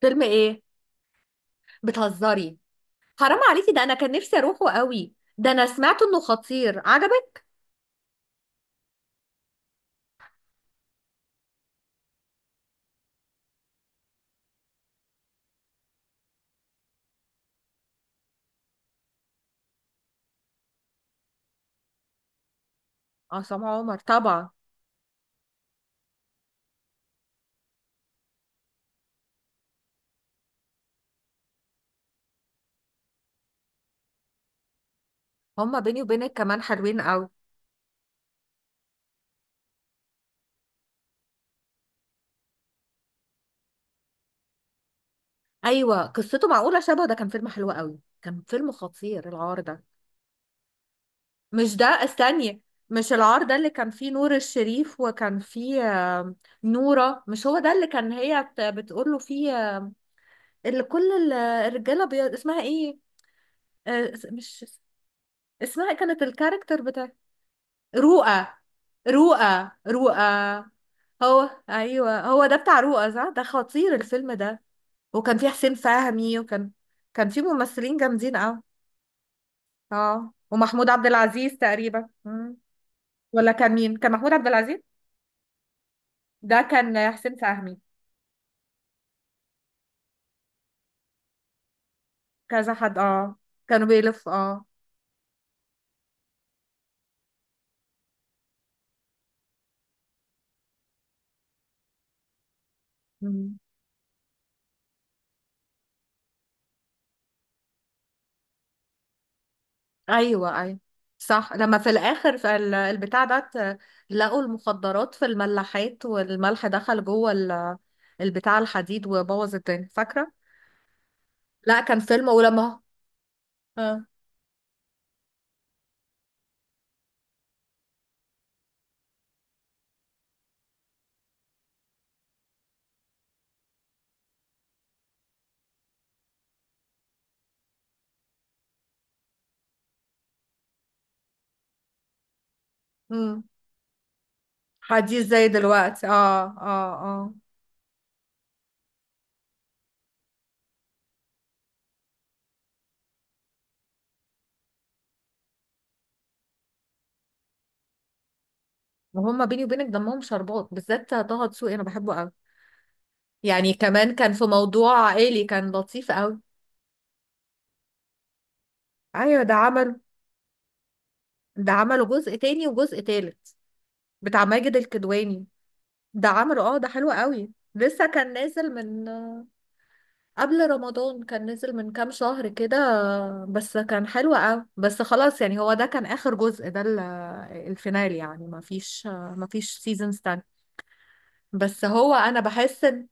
فيلم ايه؟ بتهزري؟ حرام عليكي، ده انا كان نفسي اروحه قوي. ده انا سمعت انه خطير. عجبك؟ عصام عمر طبعا. هما بيني وبينك كمان حلوين قوي. ايوه، قصته معقوله شبه. ده كان فيلم حلو قوي، كان فيلم خطير العار ده. مش ده، استني. مش العار ده اللي كان فيه نور الشريف وكان فيه آم، نورة، مش هو ده اللي كان هي بتقول له فيه؟ آم، اللي كل ال- الرجاله اسمها ايه؟ مش اسمها إيه كانت الكاركتر بتاع رؤى؟ رؤى رؤى. هو ايوه، هو ده بتاع رؤى، صح. ده خطير الفيلم ده. وكان فيه حسين فهمي، وكان فيه ممثلين جامدين قوي. اه، ومحمود عبد العزيز تقريبا. مم. ولا كان مين؟ كان محمود عبد العزيز، ده كان حسين فهمي. كذا حد، اه. كانوا بيلف، اه. مم. ايوه ايوه، صح. لما في الاخر في لقوا المخدرات في الملاحات، والملح دخل جوه البتاع الحديد، وبوظ الدنيا، فاكره؟ لا، كان فيلم، ولما اه. امم، حديث زي دلوقتي، اه اه اه. وهم بيني وبينك دمهم شربات، بالذات طه دسوقي، انا بحبه قوي. يعني كمان كان في موضوع عائلي، كان لطيف قوي. ايوه، ده عمل، ده عملوا جزء تاني وجزء تالت، بتاع ماجد الكدواني. ده عمله، اه، ده حلو قوي. لسه كان نازل من قبل رمضان، كان نزل من كام شهر كده. بس كان حلو قوي، بس خلاص يعني. هو ده كان آخر جزء، ده الفينال يعني. ما فيش سيزونز تاني. بس هو انا بحس ان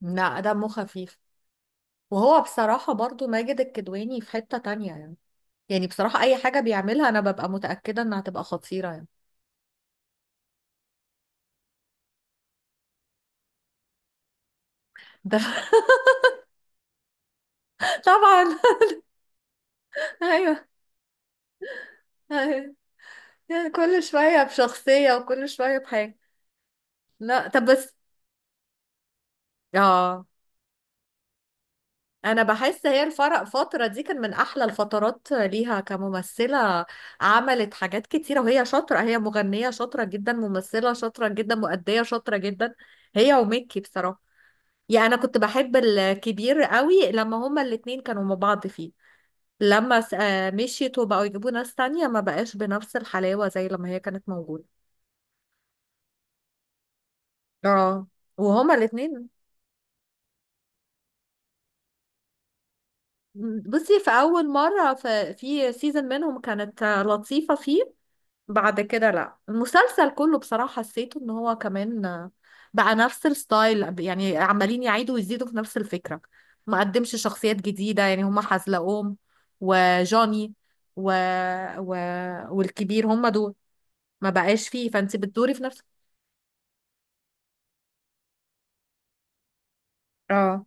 لا، دمه خفيف. وهو بصراحة برضو ماجد الكدواني في حتة تانية يعني. يعني بصراحة، أي حاجة بيعملها أنا ببقى متأكدة إنها هتبقى خطيرة يعني. ده طبعا. أيوه أيوه، يعني كل شوية بشخصية وكل شوية بحاجة. لا، طب بس، اه. انا بحس هي الفرق فترة دي كان من احلى الفترات ليها كممثلة، عملت حاجات كتيرة. وهي شاطرة، هي مغنية شاطرة جدا، ممثلة شاطرة جدا، مؤدية شاطرة جدا. هي وميكي، بصراحة. يعني انا كنت بحب الكبير قوي لما هما الاتنين كانوا مع بعض فيه. لما مشيت وبقوا يجيبوا ناس تانية، ما بقاش بنفس الحلاوة زي لما هي كانت موجودة. اه. وهما الاتنين، بصي في اول مرة في سيزون منهم كانت لطيفة فيه. بعد كده لا، المسلسل كله بصراحة حسيته ان هو كمان بقى نفس الستايل يعني. عمالين يعيدوا ويزيدوا في نفس الفكرة، ما قدمش شخصيات جديدة يعني. هما حزلقوم، وجوني، و... و... والكبير، هما دول. ما بقاش فيه، فانت بتدوري في نفس. اه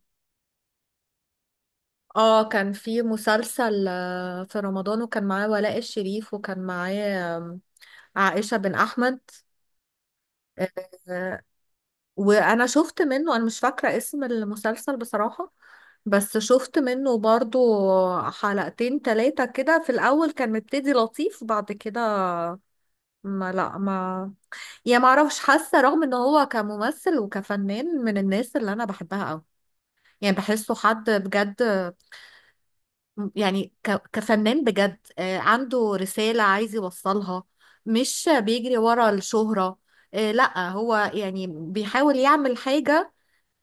اه. كان في مسلسل في رمضان، وكان معاه ولاء الشريف، وكان معاه عائشة بن أحمد. آه، آه، وأنا شفت منه، أنا مش فاكرة اسم المسلسل بصراحة، بس شفت منه برضو حلقتين تلاتة كده. في الأول كان مبتدي لطيف، بعد كده ما يعني ما اعرفش. حاسة رغم ان هو كممثل وكفنان من الناس اللي انا بحبها قوي، يعني بحسه حد بجد يعني، كفنان بجد. عنده رسالة عايز يوصلها، مش بيجري ورا الشهرة. لا هو يعني بيحاول يعمل حاجة.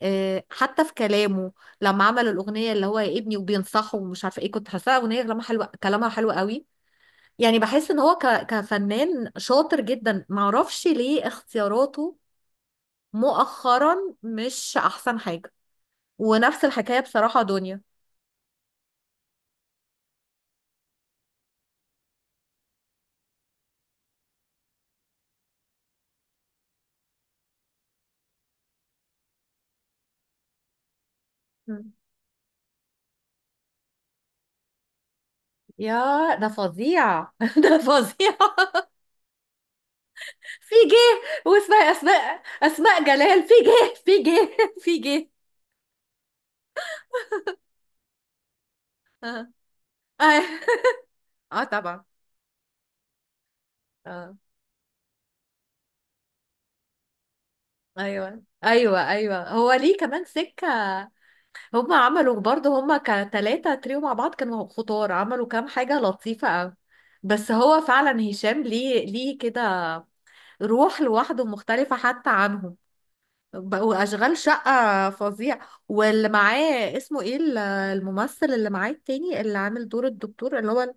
حتى في كلامه، لما عمل الأغنية اللي هو يا ابني وبينصحه ومش عارفة ايه، كنت حاساها أغنية كلامها حلو، كلامها حلو قوي. يعني بحس ان هو كفنان شاطر جدا. معرفش ليه اختياراته مؤخرا مش أحسن حاجة. ونفس الحكاية بصراحة دنيا. مم. يا ده فظيع، ده فظيع. في جه، واسمها أسماء، أسماء جلال، في جه في جه في جه. اه. آه، طبعا. اه. ايوه ايوه ايوه، هو ليه كمان سكه. هما عملوا برضه، هما كتلاتة تريو مع بعض، كانوا خطار. عملوا كام حاجه لطيفه قوي. بس هو فعلا هشام، ليه ليه كده روح لوحده مختلفه حتى عنهم. بقوا اشغال شقه فظيع. واللي معاه اسمه ايه، الممثل اللي معاه التاني اللي عامل دور الدكتور اللي هو ال-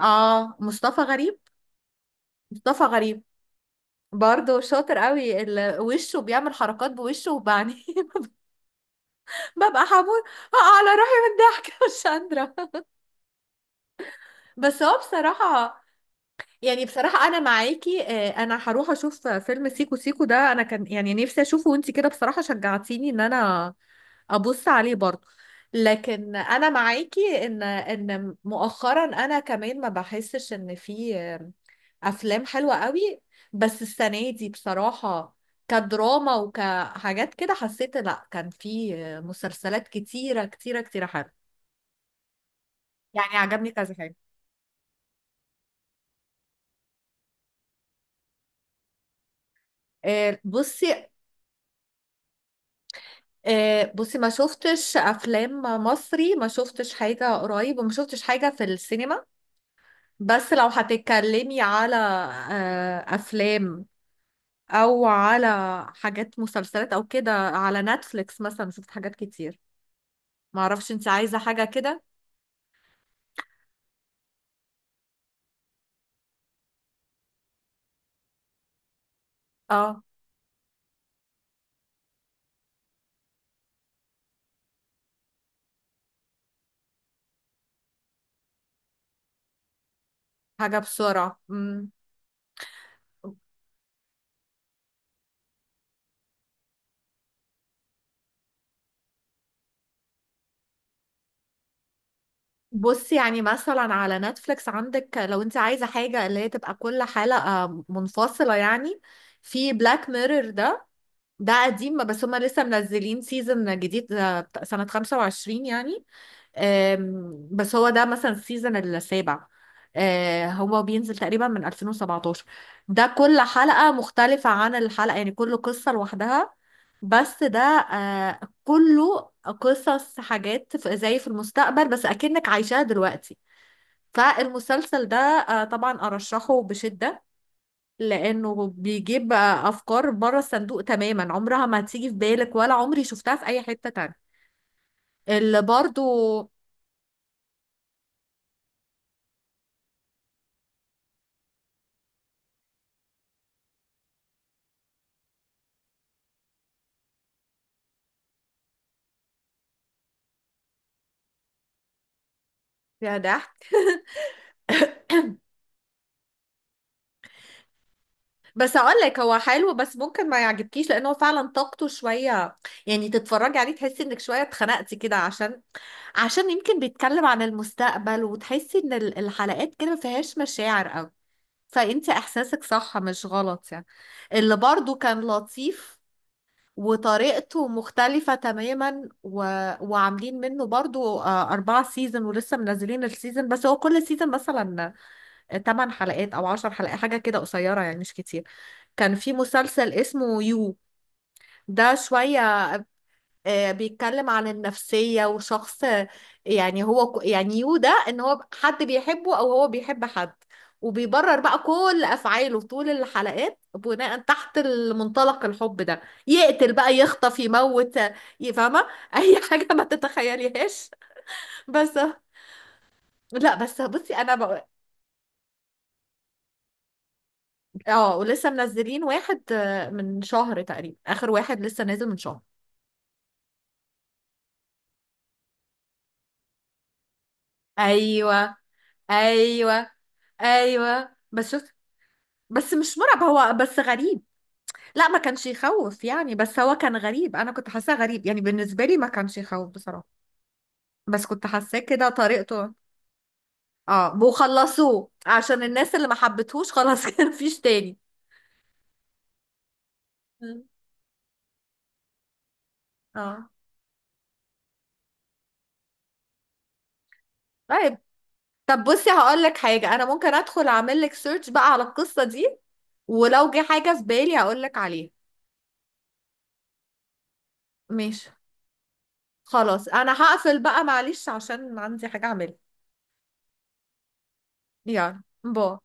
اه مصطفى غريب. مصطفى غريب، برضه شاطر قوي، اللي وشه بيعمل حركات بوشه وبعني، ببقى حبوس بقى على روحي من الضحك. مش قادرة. بس هو بصراحة، يعني بصراحة أنا معاكي. أنا هروح أشوف فيلم سيكو سيكو ده، أنا كان يعني نفسي أشوفه، وأنتي كده بصراحة شجعتيني إن أنا أبص عليه برضه. لكن أنا معاكي إن مؤخرا أنا كمان ما بحسش إن في أفلام حلوة قوي. بس السنة دي بصراحة كدراما وكحاجات كده حسيت، لأ، كان في مسلسلات كتيرة كتيرة كتيرة حلوة. يعني عجبني كذا حاجة. بصي، بصي، ما شفتش افلام مصري، ما شفتش حاجة قريب، وما شفتش حاجة في السينما. بس لو هتتكلمي على افلام او على حاجات مسلسلات او كده على نتفليكس مثلا، شفت حاجات كتير. ما اعرفش انت عايزة حاجة كده، اه، حاجة بسرعة. مم. بصي يعني مثلا على نتفليكس عندك، لو انت عايزة حاجة اللي هي تبقى كل حلقة منفصلة يعني، في بلاك ميرور ده. ده قديم، بس هما لسه منزلين سيزون جديد بتاع سنة 25 يعني. بس هو ده مثلا السيزون السابع. هو بينزل تقريبا من 2017. ده كل حلقة مختلفة عن الحلقة يعني، كل قصة لوحدها. بس ده كله قصص حاجات زي في المستقبل بس أكنك عايشاها دلوقتي. فالمسلسل ده طبعا أرشحه بشدة، لانه بيجيب بقى افكار بره الصندوق تماما، عمرها ما هتيجي في بالك ولا عمري شفتها في اي حتة تانية. اللي برضو، يا ضحك. بس اقول لك هو حلو، بس ممكن ما يعجبكيش، لان هو فعلا طاقته شويه يعني. تتفرجي عليه تحسي انك شويه اتخنقتي كده، عشان يمكن بيتكلم عن المستقبل، وتحسي ان الحلقات كده ما فيهاش مشاعر قوي، فانت احساسك صح مش غلط يعني. اللي برضو كان لطيف وطريقته مختلفة تماما، وعاملين منه برضو أربعة سيزون، ولسه منزلين السيزون. بس هو كل سيزون مثلا تمن حلقات أو عشر حلقات، حاجة كده قصيرة يعني، مش كتير. كان في مسلسل اسمه يو، ده شوية بيتكلم عن النفسية وشخص. يعني هو يعني يو ده ان هو حد بيحبه او هو بيحب حد، وبيبرر بقى كل افعاله طول الحلقات بناء تحت المنطلق الحب ده. يقتل بقى، يخطف، يموت، يفهمه اي حاجة ما تتخيليهاش. بس لا، بس بصي انا بقى، اه، ولسه منزلين واحد من شهر تقريبا، اخر واحد لسه نازل من شهر. ايوه ايوه ايوه، بس شفت. بس مش مرعب، هو بس غريب. لا، ما كانش يخوف يعني، بس هو كان غريب، انا كنت حاساه غريب يعني. بالنسبه لي ما كانش يخوف بصراحه، بس كنت حاساه كده طريقته. اه، وخلصوه عشان الناس اللي ما حبتهوش، خلاص. كان مفيش تاني. مم. اه. طيب، طب بصي هقول لك حاجه، انا ممكن ادخل اعمل لك سيرش بقى على القصه دي، ولو جه حاجه في بالي هقول لك عليها. ماشي، خلاص، انا هقفل بقى معلش عشان عندي حاجه اعملها. يلا باي.